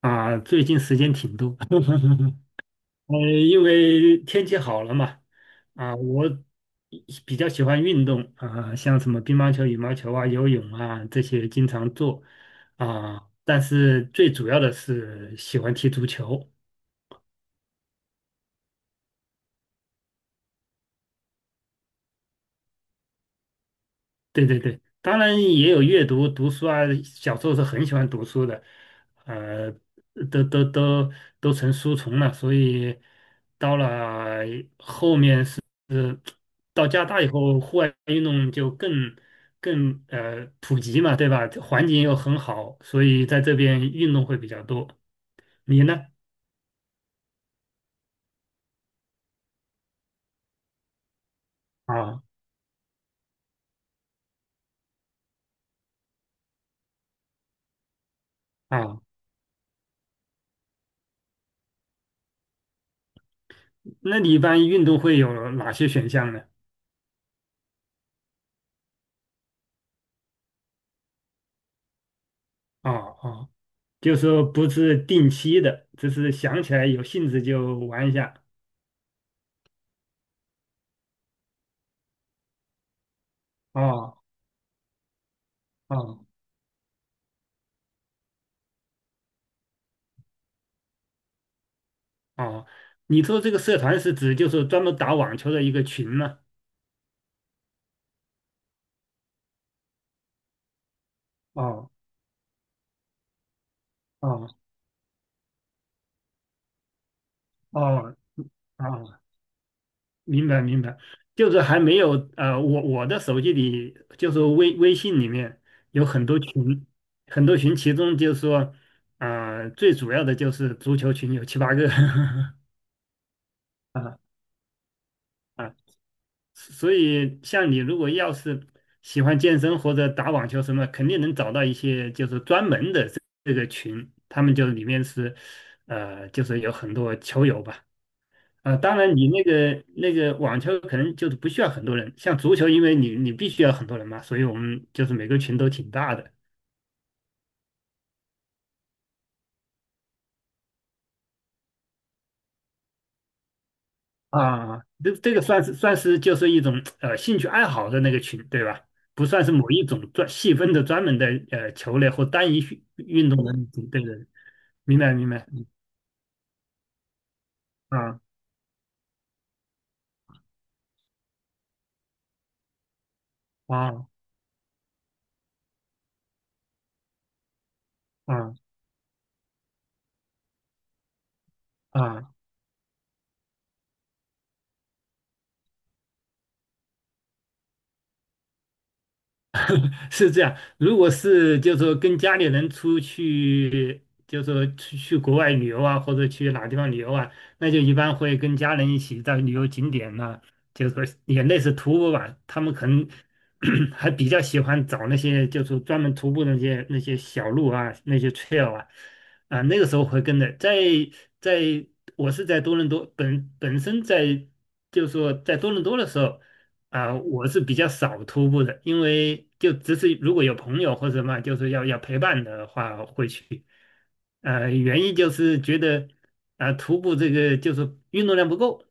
啊，最近时间挺多。呃，因为天气好了嘛，啊，我比较喜欢运动啊，像什么乒乓球、羽毛球啊、游泳啊这些经常做啊，但是最主要的是喜欢踢足球。对对对，当然也有阅读、读书啊，小时候是很喜欢读书的，呃，都都都都成书虫了，所以到了。到加拿大以后，户外运动就更普及嘛，对吧？环境又很好，所以在这边运动会比较多。你呢？啊啊，那你一般运动会有哪些选项呢？啊啊，就是说不是定期的，只是想起来有兴致就玩一下。哦哦哦，你说这个社团是指就是专门打网球的一个群吗？哦哦哦哦明白明白，就是还没有我的手机里就是微信里面有很多群，很多群，其中就是说，最主要的就是足球群有七八个。 啊，啊，所以像你如果要是喜欢健身或者打网球什么，肯定能找到一些就是专门的这个群，他们就里面是就是有很多球友吧。啊，当然，你那个网球可能就是不需要很多人，像足球，因为你必须要很多人嘛，所以我们就是每个群都挺大的啊。这个算是就是一种呃兴趣爱好的那个群，对吧？不算是某一种专细分的专门的呃球类或单一运动的那种，对对，明白明白，嗯啊啊啊啊。是这样，如果是就是说跟家里人出去，就是说去国外旅游啊，或者去哪地方旅游啊，那就一般会跟家人一起到旅游景点呐、就是说也类似徒步吧。他们可能 还比较喜欢找那些就是专门徒步的那些小路啊，那些 trail 啊，啊，那个时候会跟着。在我是在多伦多本身在就是说在多伦多的时候。啊、我是比较少徒步的，因为就只是如果有朋友或者什么，就是要陪伴的话会去。呃，原因就是觉得啊、徒步这个就是运动量不够。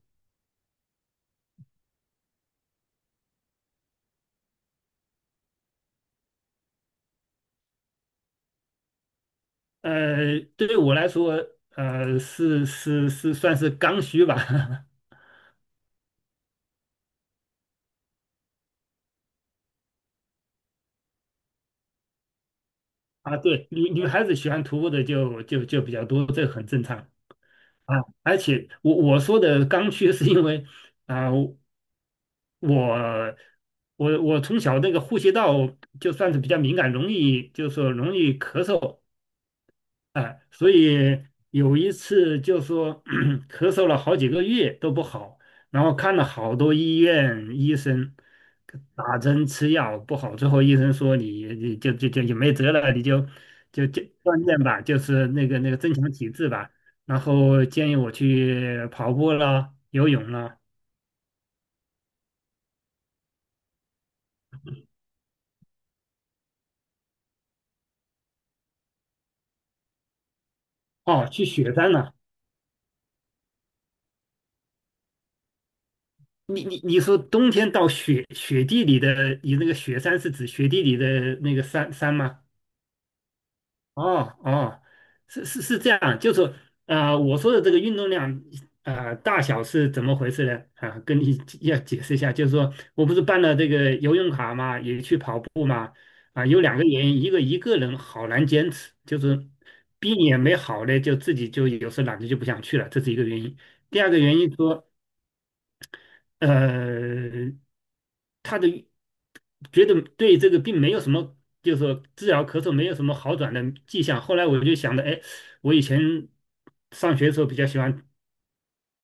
呃，对于我来说，呃，是是是算是刚需吧。啊，对，女孩子喜欢徒步的就比较多，这个很正常啊。而且我说的刚需是因为啊、我我从小那个呼吸道就算是比较敏感，容易就是说容易咳嗽，哎、所以有一次就说 咳嗽了好几个月都不好，然后看了好多医院医生，打针吃药不好，最后医生说你就也没辙了，你就锻炼吧，就是那个增强体质吧，然后建议我去跑步啦、游泳啦、哦，去雪山了。你说冬天到雪地里的，你那个雪山是指雪地里的那个山吗？哦哦，是是是这样，就是说呃，我说的这个运动量呃大小是怎么回事呢？啊，跟你要解释一下，就是说我不是办了这个游泳卡嘛，也去跑步嘛，啊，有两个原因，一个人好难坚持，就是病也没好嘞，就自己就有时候懒得就不想去了，这是一个原因。第二个原因说，呃，他的。觉得对这个病没有什么，就是说治疗咳嗽没有什么好转的迹象。后来我就想着，哎，我以前上学的时候比较喜欢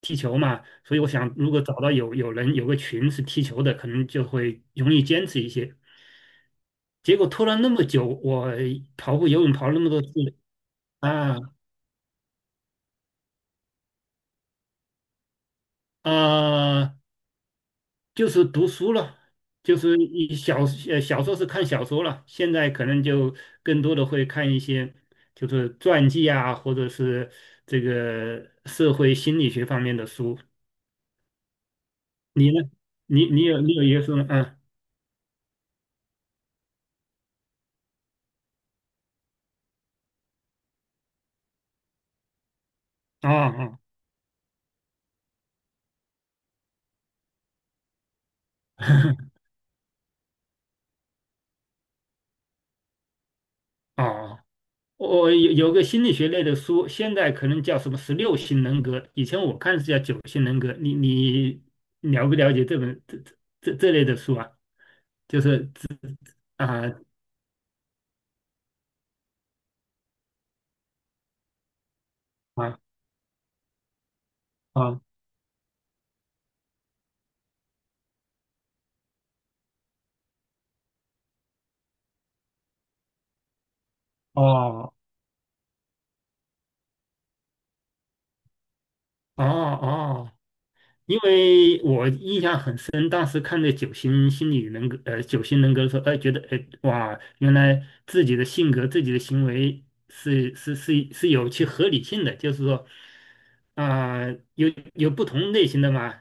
踢球嘛，所以我想如果找到有人有个群是踢球的，可能就会容易坚持一些。结果拖了那么久，我跑步、游泳跑了那么多次啊啊、呃就是读书了，就是你小呃小说是看小说了，现在可能就更多的会看一些就是传记啊，或者是这个社会心理学方面的书。你呢？你有一个书吗？嗯，啊啊。 哦，我有个心理学类的书，现在可能叫什么十六型人格，以前我看是叫九型人格。你了不了解这本这类的书啊？就是啊啊啊。哦哦哦，因为我印象很深，当时看那九型心理人格，九型人格的时候，哎、觉得哎、哇，原来自己的性格、自己的行为是有其合理性的，就是说，啊、有有不同类型的嘛。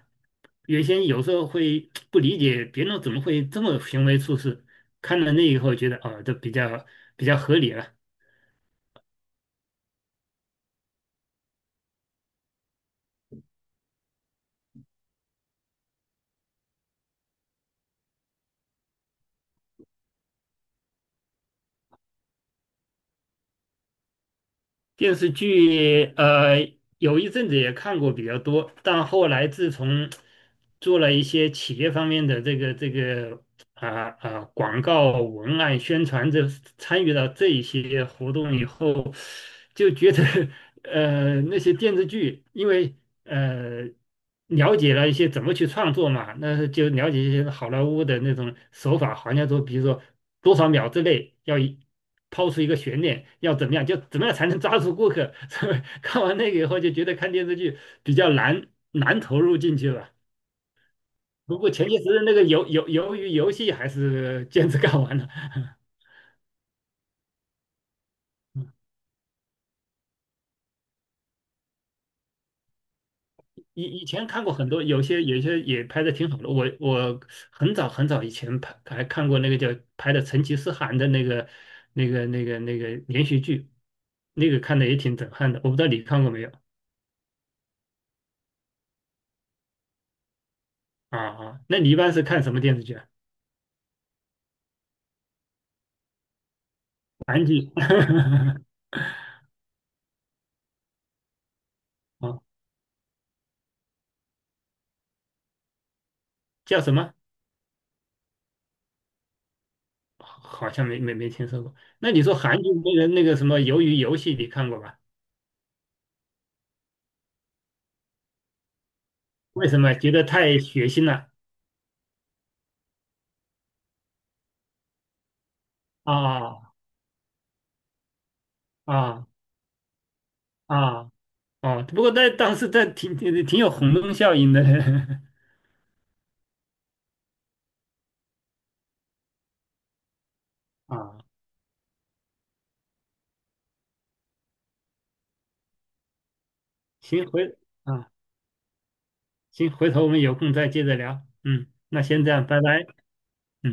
原先有时候会不理解别人怎么会这么行为处事，看了那以后觉得哦，这比较合理了。电视剧呃，有一阵子也看过比较多，但后来自从做了一些企业方面的这个啊啊、广告文案宣传这参与到这一些活动以后，就觉得 呃那些电视剧，因为呃了解了一些怎么去创作嘛，那就了解一些好莱坞的那种手法，好像说比如说多少秒之内要一抛出一个悬念，要怎么样，就怎么样才能抓住顾客。所以看完那个以后就觉得看电视剧比较难难投入进去了。不过前些时日那个鱿鱼游戏还是坚持干完了。以前看过很多，有些也拍的挺好的。我很早以前拍还看过那个叫拍的成吉思汗的那个连续剧，那个看的也挺震撼的。我不知道你看过没有啊？啊，那你一般是看什么电视剧啊？韩剧。 啊，叫什么？好像没听说过。那你说韩剧那个什么《鱿鱼游戏》，你看过吧？为什么觉得太血腥了？啊啊啊！哦，不过在当时在挺有轰动效应的。 啊。行，回啊，行，回头我们有空再接着聊。嗯，那先这样，拜拜。嗯。